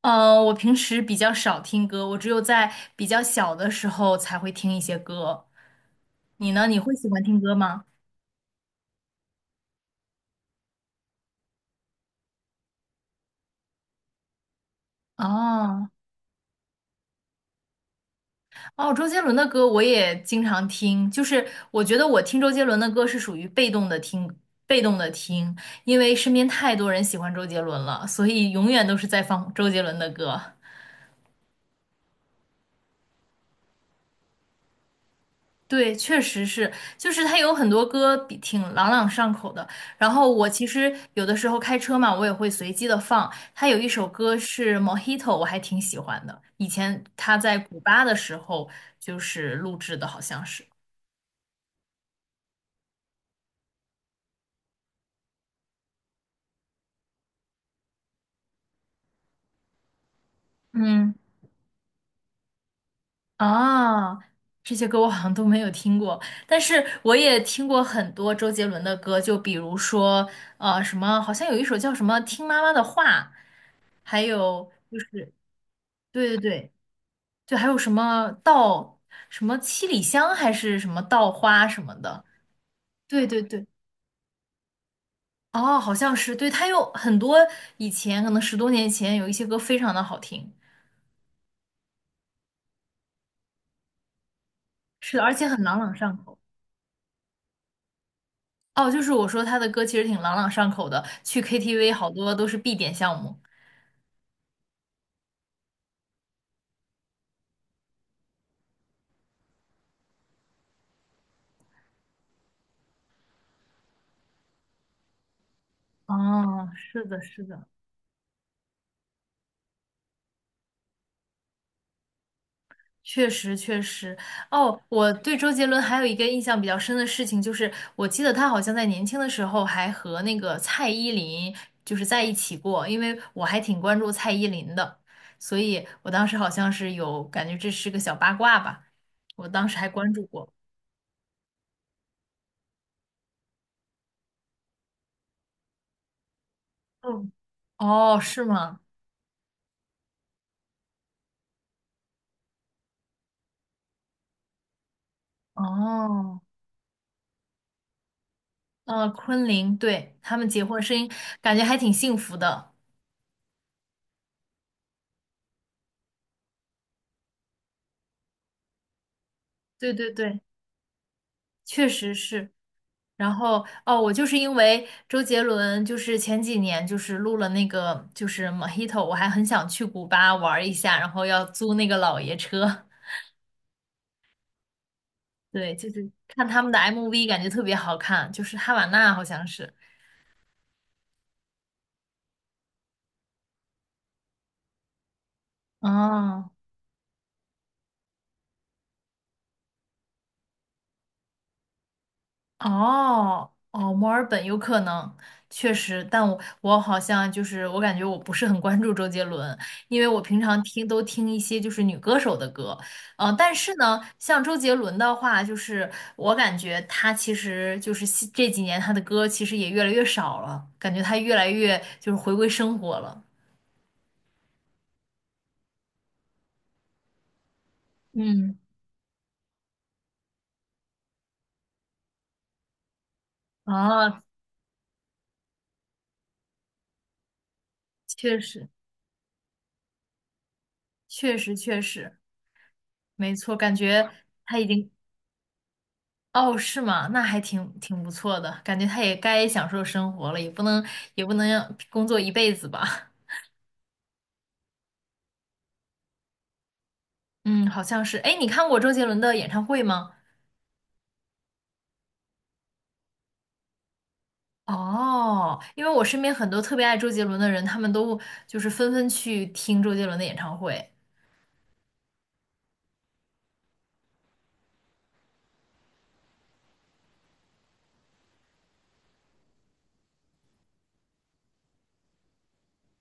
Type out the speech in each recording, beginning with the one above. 我平时比较少听歌，我只有在比较小的时候才会听一些歌。你呢？你会喜欢听歌吗？哦哦，周杰伦的歌我也经常听，就是我觉得我听周杰伦的歌是属于被动的听，被动的听，因为身边太多人喜欢周杰伦了，所以永远都是在放周杰伦的歌。对，确实是，就是他有很多歌挺朗朗上口的。然后我其实有的时候开车嘛，我也会随机的放。他有一首歌是《Mojito》,我还挺喜欢的。以前他在古巴的时候就是录制的，好像是。嗯，啊，这些歌我好像都没有听过，但是我也听过很多周杰伦的歌，就比如说什么，好像有一首叫什么《听妈妈的话》，还有对对对。就还有什么什么七里香还是什么稻花什么的。对对对，哦，好像是，对，它有很多以前可能十多年前有一些歌非常的好听，是的，而且很朗朗上口。哦，就是我说他的歌其实挺朗朗上口的，去 KTV 好多都是必点项目。哦，是的，是的。确实，确实。哦，我对周杰伦还有一个印象比较深的事情，就是我记得他好像在年轻的时候还和那个蔡依林就是在一起过，因为我还挺关注蔡依林的，所以我当时好像是有感觉这是个小八卦吧，我当时还关注过。嗯，哦，是吗？哦，昆凌，对，他们结婚声音感觉还挺幸福的。对对对。确实是。然后哦，我就是因为周杰伦，就是前几年就是录了那个就是 Mojito，我还很想去古巴玩一下，然后要租那个老爷车。对，就是看他们的 MV，感觉特别好看，就是哈瓦那好像是。哦，哦哦，墨尔本有可能，确实，但我好像就是我感觉我不是很关注周杰伦，因为我平常听都听一些就是女歌手的歌，但是呢，像周杰伦的话，就是我感觉他其实就是这几年他的歌其实也越来越少了，感觉他越来越就是回归生活了。嗯，啊，确实，确实，确实，没错，感觉他已经哦，是吗？那还挺不错的，感觉他也该享受生活了，也不能让工作一辈子吧。嗯，好像是。哎，你看过周杰伦的演唱会吗？哦，因为我身边很多特别爱周杰伦的人，他们都就是纷纷去听周杰伦的演唱会。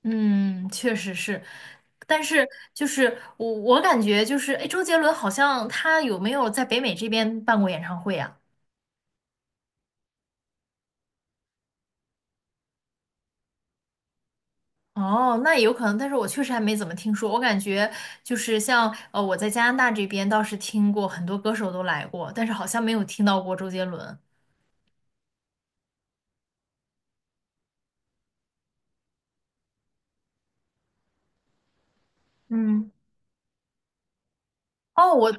嗯，确实是，但是就是我感觉就是，哎，周杰伦好像他有没有在北美这边办过演唱会啊？哦，那有可能，但是我确实还没怎么听说。我感觉就是像我在加拿大这边倒是听过很多歌手都来过，但是好像没有听到过周杰伦。嗯，哦，我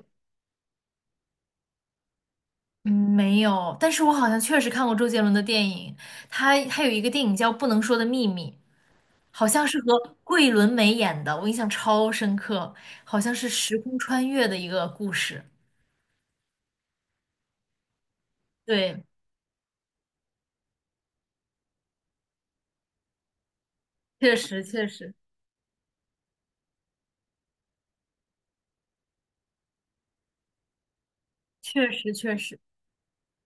嗯没有，但是我好像确实看过周杰伦的电影，他有一个电影叫《不能说的秘密》，好像是和桂纶镁演的，我印象超深刻，好像是时空穿越的一个故事。对，确实确实确实确实。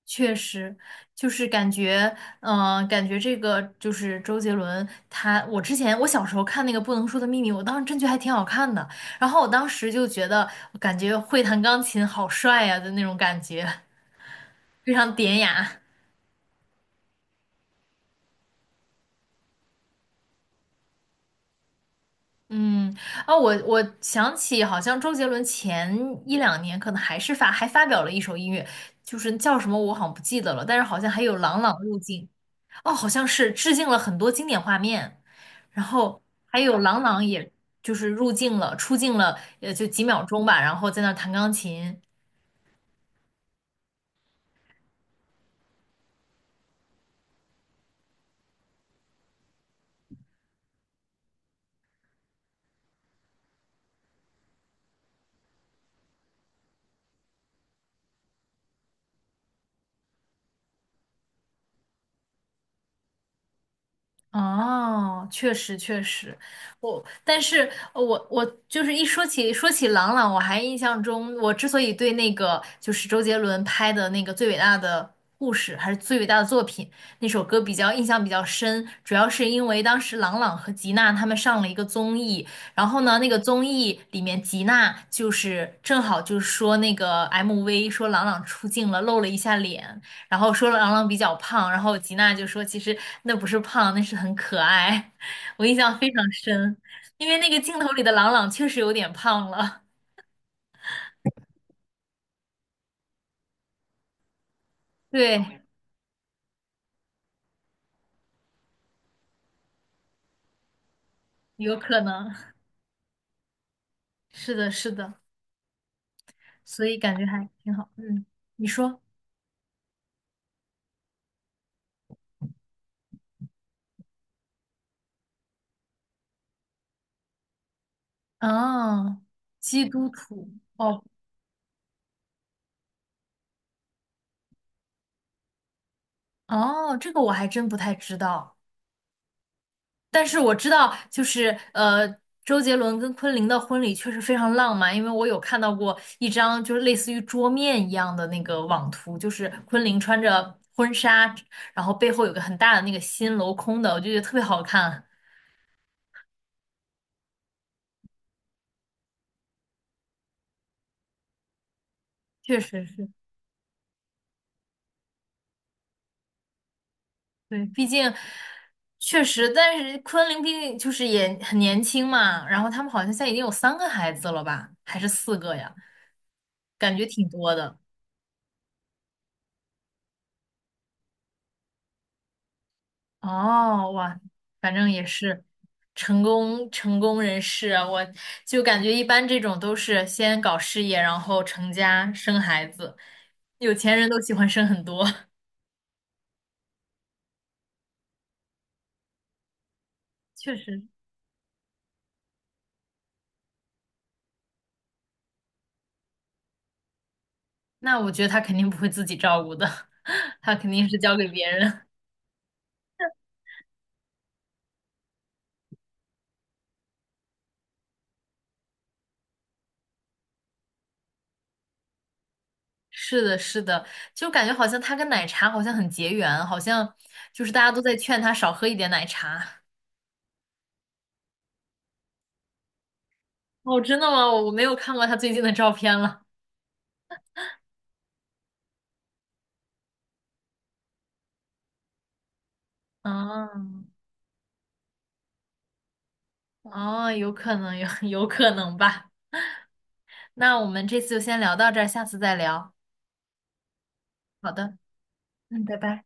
确实，就是感觉，感觉这个就是周杰伦他，我之前我小时候看那个《不能说的秘密》，我当时真觉得还挺好看的，然后我当时就觉得，我感觉会弹钢琴好帅呀、的那种感觉，非常典雅。嗯，啊，我想起好像周杰伦前一两年可能还是发表了一首音乐，就是叫什么我好像不记得了，但是好像还有朗朗入镜。哦，好像是致敬了很多经典画面，然后还有郎朗，也就是入镜了，出镜了，也就几秒钟吧，然后在那儿弹钢琴，哦，确实确实，我但是我就是一说起郎朗，我还印象中，我之所以对那个就是周杰伦拍的那个最伟大的故事还是最伟大的作品那首歌比较印象比较深，主要是因为当时郎朗和吉娜他们上了一个综艺，然后呢那个综艺里面吉娜就是正好就是说那个 MV 说郎朗出镜了，露了一下脸，然后说郎朗比较胖，然后吉娜就说其实那不是胖，那是很可爱。我印象非常深，因为那个镜头里的郎朗确实有点胖了，对，有可能，是的，是的，所以感觉还挺好。嗯，你说，哦，基督徒，哦哦，这个我还真不太知道。但是我知道，就是周杰伦跟昆凌的婚礼确实非常浪漫，因为我有看到过一张就是类似于桌面一样的那个网图，就是昆凌穿着婚纱，然后背后有个很大的那个心镂空的，我就觉得特别好看。确实是，对，毕竟确实，但是昆凌毕竟就是也很年轻嘛，然后他们好像现在已经有三个孩子了吧，还是四个呀，感觉挺多的。哦，哇，反正也是成功人士啊，我就感觉一般这种都是先搞事业，然后成家生孩子，有钱人都喜欢生很多，确实。那我觉得他肯定不会自己照顾的，他肯定是交给别人。是的，是的，就感觉好像他跟奶茶好像很结缘，好像就是大家都在劝他少喝一点奶茶。哦，真的吗？我没有看过他最近的照片了。啊。哦，有可能，有 有可能吧。那我们这次就先聊到这儿，下次再聊。好的，嗯，拜拜。